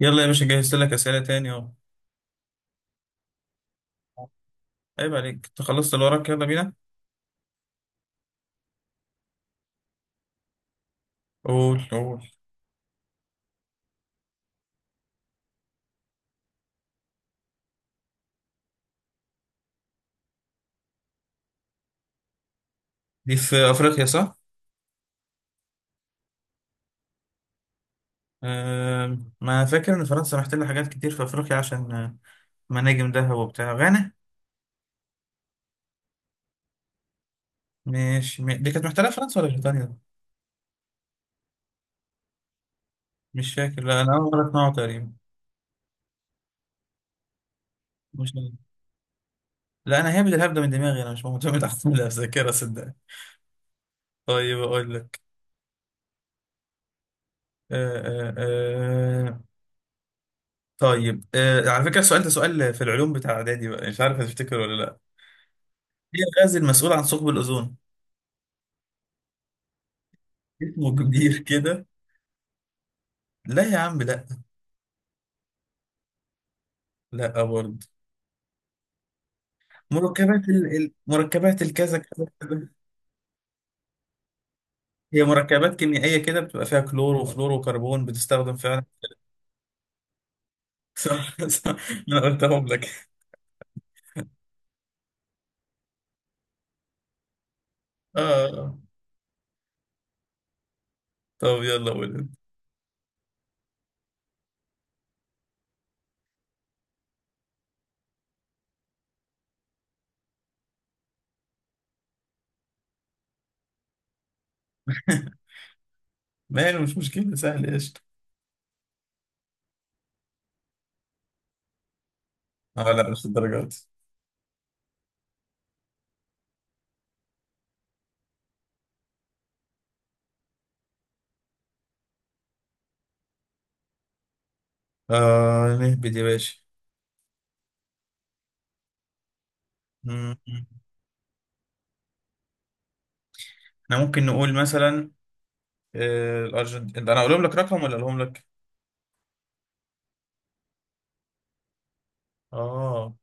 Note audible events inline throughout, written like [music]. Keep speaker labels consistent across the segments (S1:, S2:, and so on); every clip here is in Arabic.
S1: يلا يا باشا، جهزت لك أسئلة تاني أهو. عيب عليك، أنت خلصت اللي وراك؟ يلا بينا. قول قول. دي في أفريقيا صح؟ ما فاكر إن فرنسا محتلة حاجات كتير في أفريقيا عشان مناجم ذهب وبتاع غانا. مش دي كانت محتلة فرنسا ولا بريطانيا؟ مش فاكر، لا أنا أول مرة أسمعه تقريبا. مش عارف. لا أنا هابد الهبدة من دماغي، أنا مش معتمد على الذاكرة صدقني. طيب أقول لك. أه أه أه طيب على فكرة السؤال ده سؤال في العلوم بتاع إعدادي بقى، مش عارف هتفتكر ولا لأ. إيه الغاز المسؤول عن ثقب الأوزون؟ اسمه كبير كده. لا يا عم لا. لا برضه. مركبات الكذا كذا كذا. هي مركبات كيميائية كده، بتبقى فيها كلور وفلور وكربون، بتستخدم فعلا. [laughs] صح صح. انا قلتهم لك. اه آه. طب يلا قول انت. [laughs] ماله، مش مشكلة، سهل قشطة. اه لا مش الدرجة دي. نهبد يا باشا. مم. احنا ممكن نقول مثلا الأرجنتين. انا اقولهم لك رقم ولا اقولهم لك؟ اه.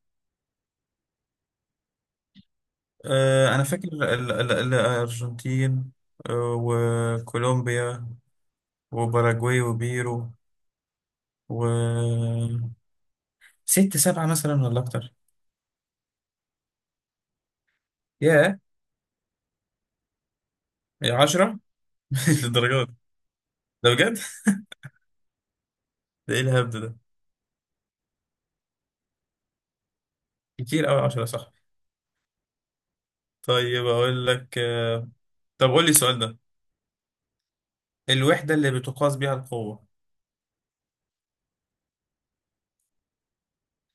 S1: أنا فاكر الأرجنتين، وكولومبيا وباراجواي وبيرو و ست سبعة مثلا ولا أكتر؟ ياه، يا 10. [laughs] للدرجة دي؟ ده بجد. ده إيه الهبد ده؟ كتير أوي، 10 صح. طيب أقول لك. طب قول لي السؤال ده. الوحدة اللي بتقاس بيها القوة.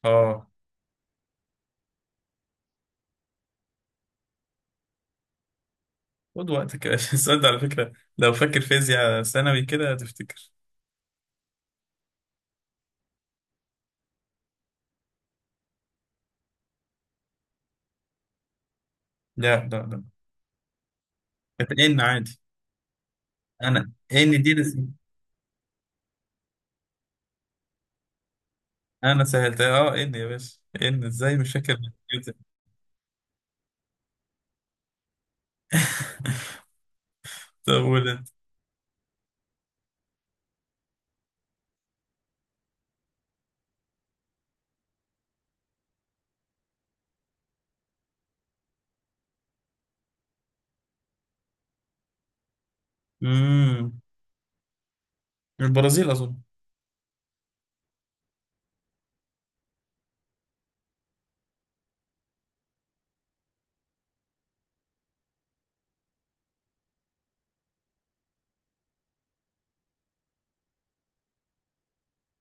S1: آه خد وقتك يا باشا. [laughs] السؤال ده على فكرة، لو فاكر فيزياء ثانوي كده هتفتكر. لا لا لا، كانت إن عادي. أنا إن دي. انا سهلتها. اه ان يا باشا، ان ازاي مش فاكر كده. [laughs] طب قول انت. امم البرازيل اظن.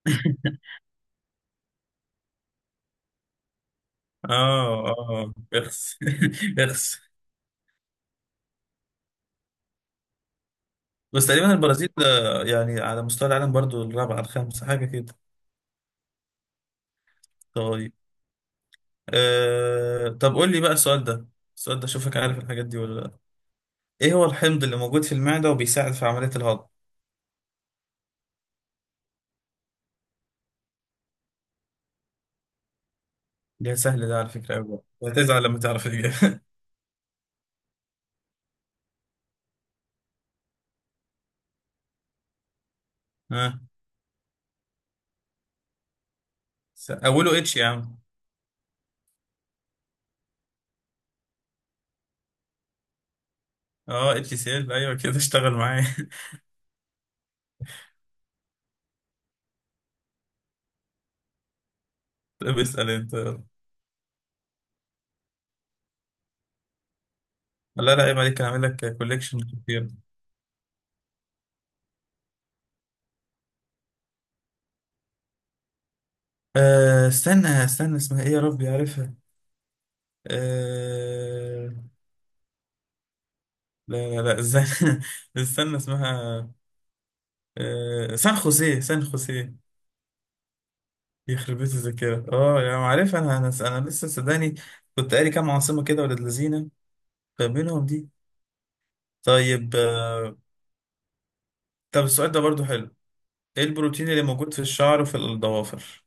S1: [laughs] اه اخس. [laughs] اخس. بس تقريبا البرازيل يعني على مستوى العالم برضو الرابعة الخامسة حاجة كده. طيب. طب قول لي بقى السؤال ده. السؤال ده شوفك عارف الحاجات دي ولا لا. ايه هو الحمض اللي موجود في المعدة وبيساعد في عملية الهضم. ده سهل ده على فكرة أوي بقى. هتزعل لما تعرف الإجابة. [laughs] ها. أوله اتش يا عم. اه اتش سي ال، أيوه كده، اشتغل معايا. طب اسأل انت يلا. لا لا عيب عليك، هعمل لك كوليكشن كتير. استنى استنى، اسمها ايه يا ربي عارفها. أه. لا لا لا، استنى. [laughs] استنى اسمها. سان خوسيه سان خوسيه. يخرب بيت الذاكرة. اه يا عم عارفها انا لسه صدقني، كنت قاري كام عاصمة كده ولاد لذينة، فمنهم دي. طيب. طب السؤال ده برضو حلو. ايه البروتين اللي موجود في الشعر وفي الضوافر.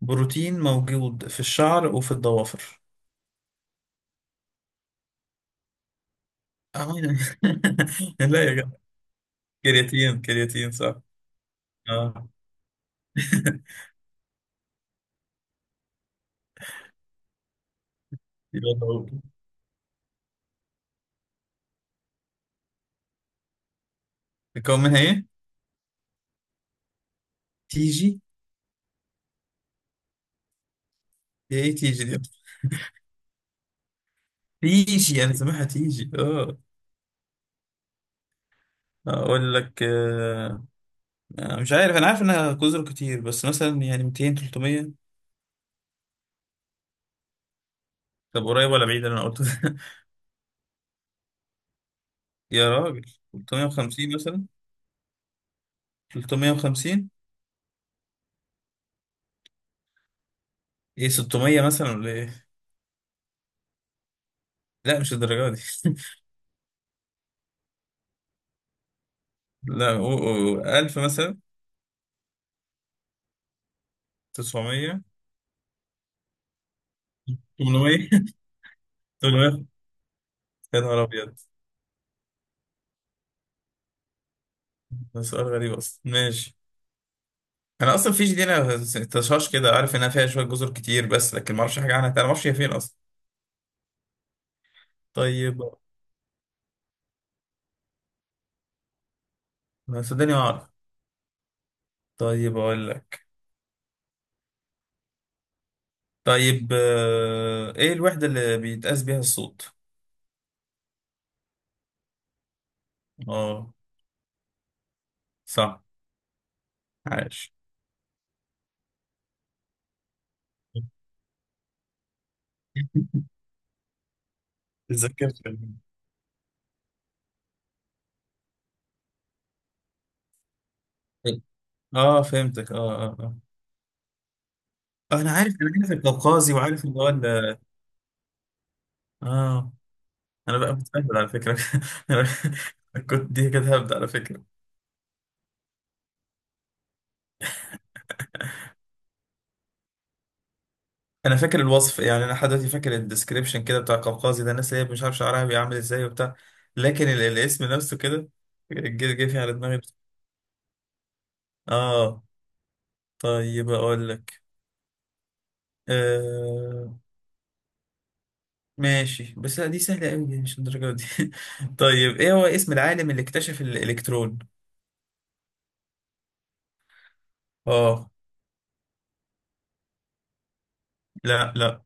S1: بروتين موجود في الشعر وفي الضوافر. آه. [laughs] لا يا جدع. كرياتين كرياتين صح. اه. [laughs] يبقى هو. يكون منها ايه؟ تيجي. هي ايه تيجي دي؟ تيجي، انا سامعها تيجي، اه. اقول لك. آه. مش عارف، انا عارف انها جزر كتير، بس مثلا يعني 200 300. طب قريب ولا بعيد اللي انا قلته ده؟ [laughs] يا راجل. 350 مثلا. 350. ايه، 600 مثلا ولا ايه؟ لا مش الدرجه دي. لا و 1000 مثلا. 900. 800. 800. [laughs] يا نهار ابيض. ده سؤال غريب اصلا، ماشي. انا اصلا فيجي دي انا، تشاش كده عارف انها فيها شويه جزر كتير، بس لكن ما اعرفش حاجه عنها، انا ما اعرفش هي فين اصلا. طيب. ما صدقني، ما اعرف. طيب اقول لك. طيب ايه الوحده اللي بيتقاس بيها الصوت. اه صح، عاش. [laughs] اتذكرت. اه فهمتك، انا عارف انا عارف القوقازي، وعارف اللي هو اه انا بقى متأهل على فكره. [laughs] انا كنت دي كده هبدأ على فكره. انا فاكر الوصف يعني، انا لحد دلوقتي فاكر الديسكريبشن كده بتاع قوقازي، ده الناس اللي هي مش عارف شعرها بيعمل ازاي وبتاع. لكن الاسم نفسه كده جه جه في على دماغي. اه. طيب اقول لك. آه ماشي بس لا دي سهله قوي، دي مش الدرجه دي. [laughs] طيب ايه هو اسم العالم اللي اكتشف الالكترون. اه لا لا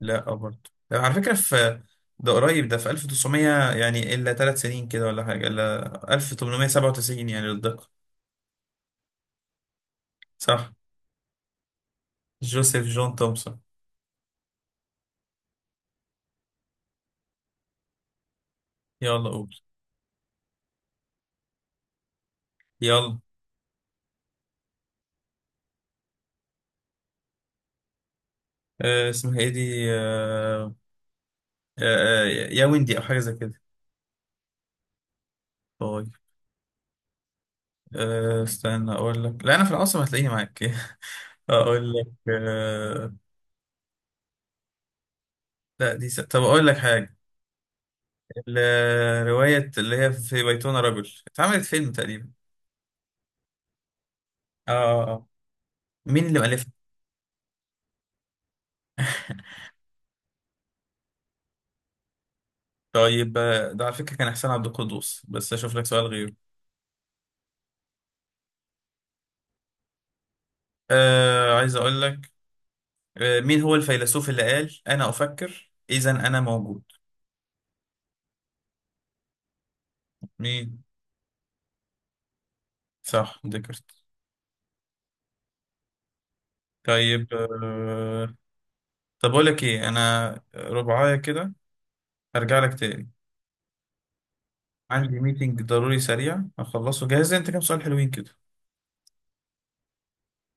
S1: لا، برضه. على فكره في، ده قريب ده، في 1900 يعني الا 3 سنين كده ولا حاجه، الا 1897 يعني للدقه. صح، جوزيف جون تومسون. يلا قول. يلا. اسمها ايه دي. آه آه يا ويندي او حاجه زي كده. طيب. استنى اقول لك. لا انا في العاصمه هتلاقيني معاك. [laughs] اقول لك. لا دي طب اقول لك حاجه. الروايه اللي هي في بيتنا رجل، اتعملت فيلم تقريبا. اه آه، آه. مين اللي مؤلفها. طيب ده على فكره كان احسان عبد القدوس، بس اشوف لك سؤال غيره. عايز اقول لك. مين هو الفيلسوف اللي قال انا افكر اذا انا موجود. مين؟ صح، ديكارت. طيب. طب أقول لك إيه، أنا ربعاية كده، هرجع لك تاني. عندي ميتنج ضروري سريع هخلصه، جاهز أنت كام سؤال حلوين كده.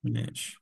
S1: ماشي.